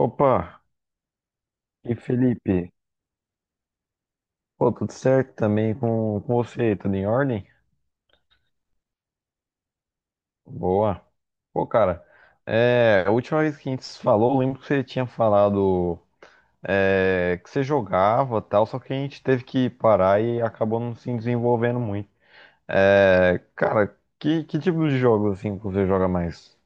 Opa, e Felipe? Pô, tudo certo também com você? Tudo em ordem? Boa. Pô, cara, a última vez que a gente se falou, eu lembro que você tinha falado que você jogava tal, só que a gente teve que parar e acabou não se desenvolvendo muito. É, cara, que tipo de jogo assim que você joga mais?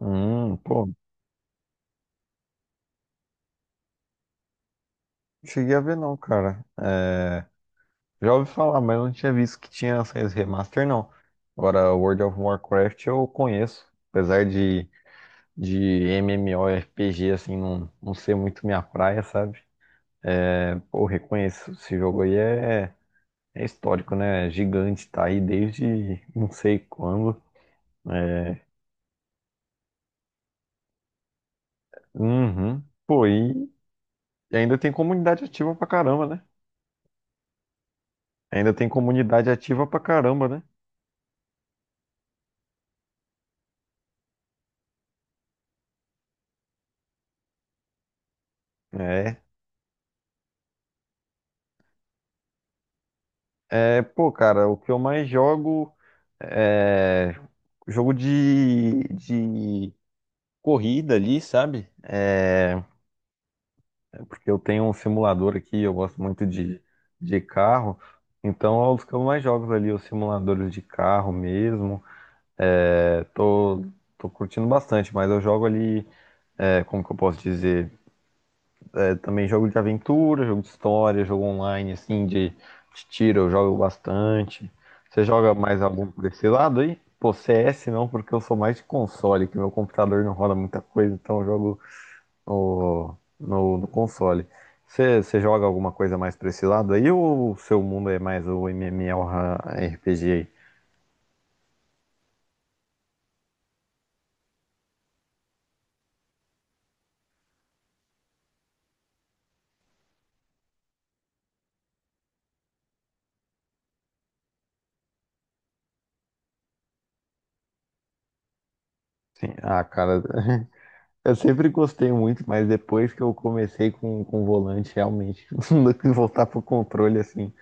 Pô, não cheguei a ver não, cara. Já ouvi falar, mas eu não tinha visto que tinha saído remaster, não. Agora, World of Warcraft eu conheço, apesar de MMORPG, assim, não ser muito minha praia, sabe? É, pô, reconheço, esse jogo aí é, é histórico, né? É gigante, tá aí desde não sei quando. Né? Uhum. Pô, e ainda tem comunidade ativa pra caramba, né? Ainda tem comunidade ativa pra caramba, né? É. É, pô, cara, o que eu mais jogo é jogo de corrida ali, sabe? É, porque eu tenho um simulador aqui, eu gosto muito de carro, então é os que eu mais jogo ali, os simuladores de carro mesmo. É, tô, tô curtindo bastante, mas eu jogo ali, é, como que eu posso dizer? Também jogo de aventura, jogo de história, jogo online, assim, de tiro, eu jogo bastante. Você joga mais algum por esse lado aí? Pô, CS não, porque eu sou mais de console, que meu computador não roda muita coisa, então eu jogo no console. Você joga alguma coisa mais pra esse lado aí, ou o seu mundo é mais o MMORPG aí? Sim, ah, cara, eu sempre gostei muito, mas depois que eu comecei com o volante, realmente, não dá pra voltar pro controle, assim,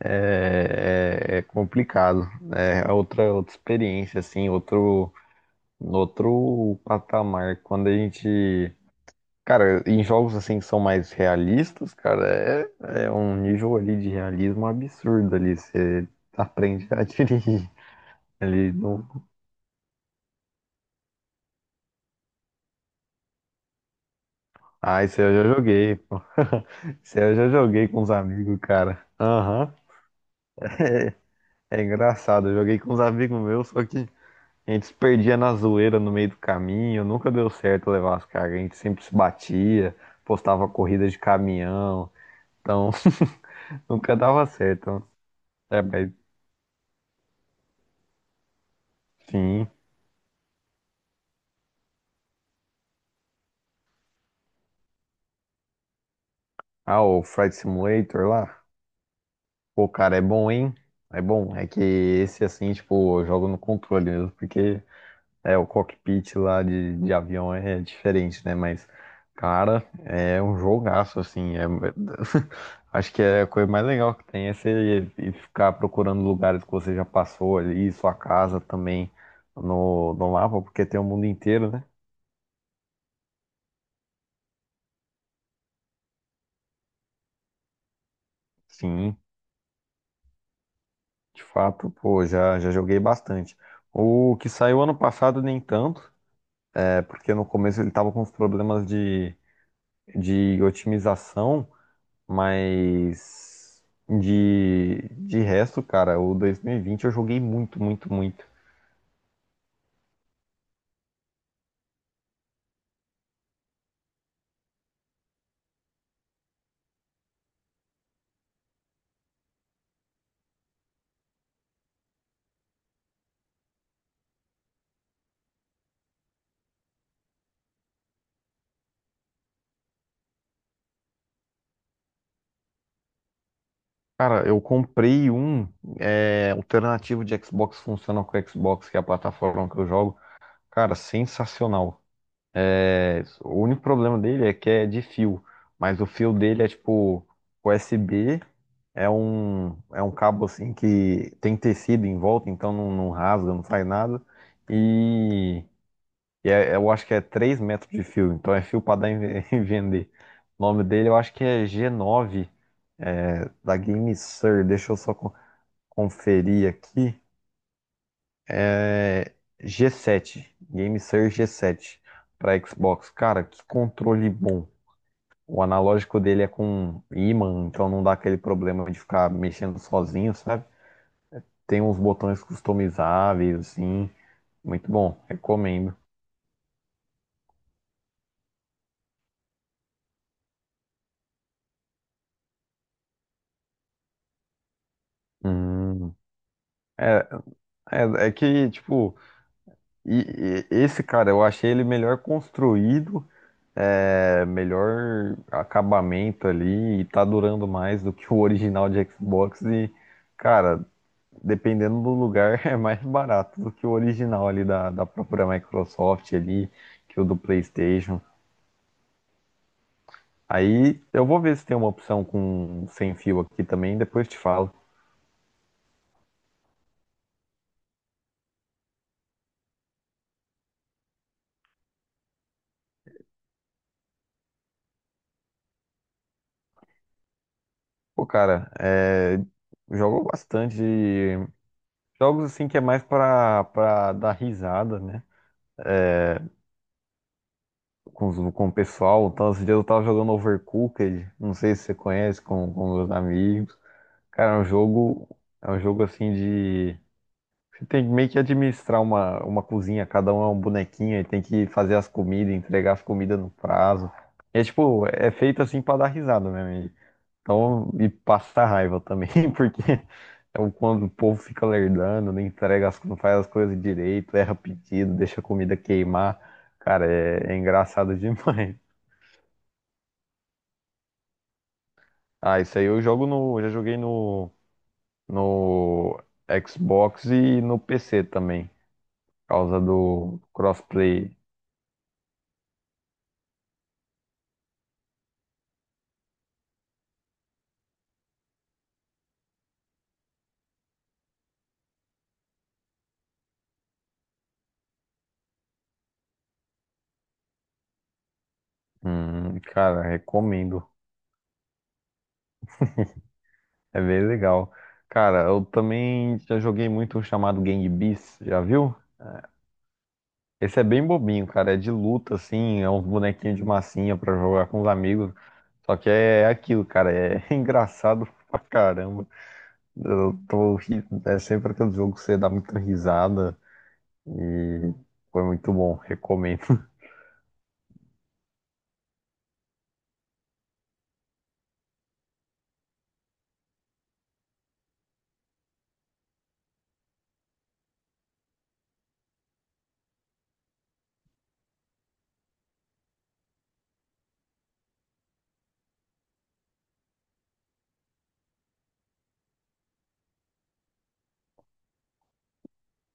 é, é complicado. Né? É outra, outra experiência, assim, outro, outro patamar. Quando a gente. Cara, em jogos assim que são mais realistas, cara, é, é um nível ali de realismo absurdo ali. Você aprende a dirigir ali. No... Ah, isso aí eu já joguei, pô. Isso aí eu já joguei com os amigos, cara. Aham. É engraçado, eu joguei com os amigos meus, só que. A gente se perdia na zoeira no meio do caminho, nunca deu certo levar as cargas, a gente sempre se batia, postava corrida de caminhão, então nunca dava certo. É, mas sim. Ah, o Flight Simulator lá, pô, cara, é bom, hein? É bom, é que esse assim, tipo, eu jogo no controle mesmo, porque é, o cockpit lá de avião é diferente, né? Mas, cara, é um jogaço, assim. É... Acho que é a coisa mais legal que tem é você ficar procurando lugares que você já passou ali, sua casa também no mapa, porque tem o mundo inteiro, né? Sim, de fato, pô, já, já joguei bastante. O que saiu ano passado, nem tanto, é porque no começo ele tava com uns problemas de otimização. Mas de resto, cara, o 2020 eu joguei muito, muito, muito. Cara, eu comprei um é, alternativo de Xbox, funciona com o Xbox, que é a plataforma que eu jogo. Cara, sensacional. É, o único problema dele é que é de fio, mas o fio dele é tipo USB, é um cabo assim que tem tecido em volta, então não, não rasga, não faz nada. E eu acho que é 3 metros de fio, então é fio pra dar em em vender. O nome dele eu acho que é G9 da GameSir. Deixa eu só conferir aqui. É G7, GameSir g sete para Xbox. Cara, que controle bom. O analógico dele é com ímã, então não dá aquele problema de ficar mexendo sozinho, sabe? Tem uns botões customizáveis, assim. Muito bom, recomendo. Hum, é, é que, tipo. E, esse cara, eu achei ele melhor construído, é, melhor acabamento ali, e tá durando mais do que o original de Xbox. E, cara, dependendo do lugar, é mais barato do que o original ali da, da própria Microsoft ali, que o do PlayStation. Aí eu vou ver se tem uma opção com sem fio aqui também, depois te falo. Pô, cara, é, jogo bastante jogos assim que é mais pra, pra dar risada, né? Com, com o pessoal. Então, esse dias eu tava jogando Overcooked, não sei se você conhece, com meus amigos. Cara, é um jogo assim de. Você tem que meio que administrar uma cozinha, cada um é um bonequinho e tem que fazer as comidas, entregar as comidas no prazo. É tipo, é feito assim pra dar risada mesmo. Então, e passar raiva também, porque é o quando o povo fica lerdando, não entrega as, não faz as coisas direito, erra pedido, deixa a comida queimar. Cara, é, é engraçado demais. Ah, isso aí eu jogo no. Já joguei no, no Xbox e no PC também. Por causa do crossplay. Cara, recomendo. É bem legal. Cara, eu também já joguei muito um chamado Gang Beasts, já viu? Esse é bem bobinho, cara. É de luta, assim. É uns bonequinhos de massinha pra jogar com os amigos. Só que é é aquilo, cara. É engraçado pra caramba. Eu tô. É sempre aquele jogo que você dá muita risada. Foi muito bom, recomendo.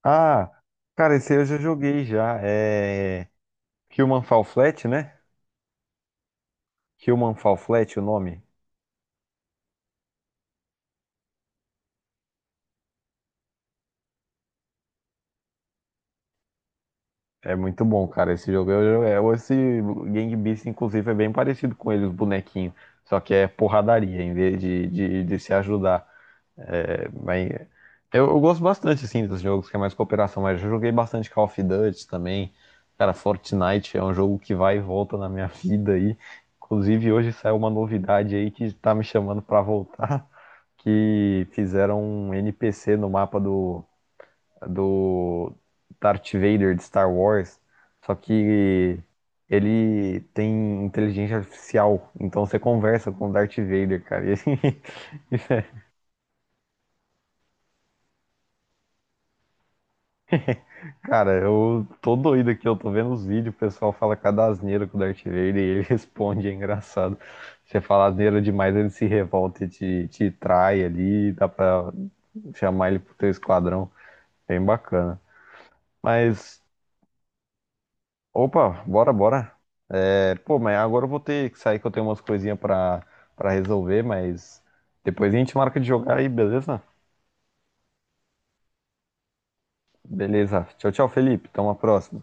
Ah, cara, esse aí eu já joguei já. É Human Fall Flat, né? Human Fall Flat, o nome. É muito bom, cara. Esse jogo esse Gang Beasts, inclusive, é bem parecido com ele, os bonequinhos. Só que é porradaria em vez de se ajudar. É, mas eu gosto bastante, assim, dos jogos que é mais cooperação. Mas eu joguei bastante Call of Duty também. Cara, Fortnite é um jogo que vai e volta na minha vida aí. Inclusive, hoje saiu uma novidade aí que tá me chamando pra voltar. Que fizeram um NPC no mapa do, do Darth Vader de Star Wars, só que ele tem inteligência artificial, então você conversa com o Darth Vader, cara. E, cara, eu tô doido aqui, eu tô vendo os vídeos, o pessoal fala cada asneira com o Darth Vader e ele responde, é engraçado. Você fala asneira demais, ele se revolta e te trai ali, dá pra chamar ele pro teu esquadrão. Bem bacana. Mas, opa, bora, bora. É, pô, mas agora eu vou ter que sair que eu tenho umas coisinhas pra, pra resolver, mas depois a gente marca de jogar aí, beleza? Beleza. Tchau, tchau, Felipe. Até uma próxima.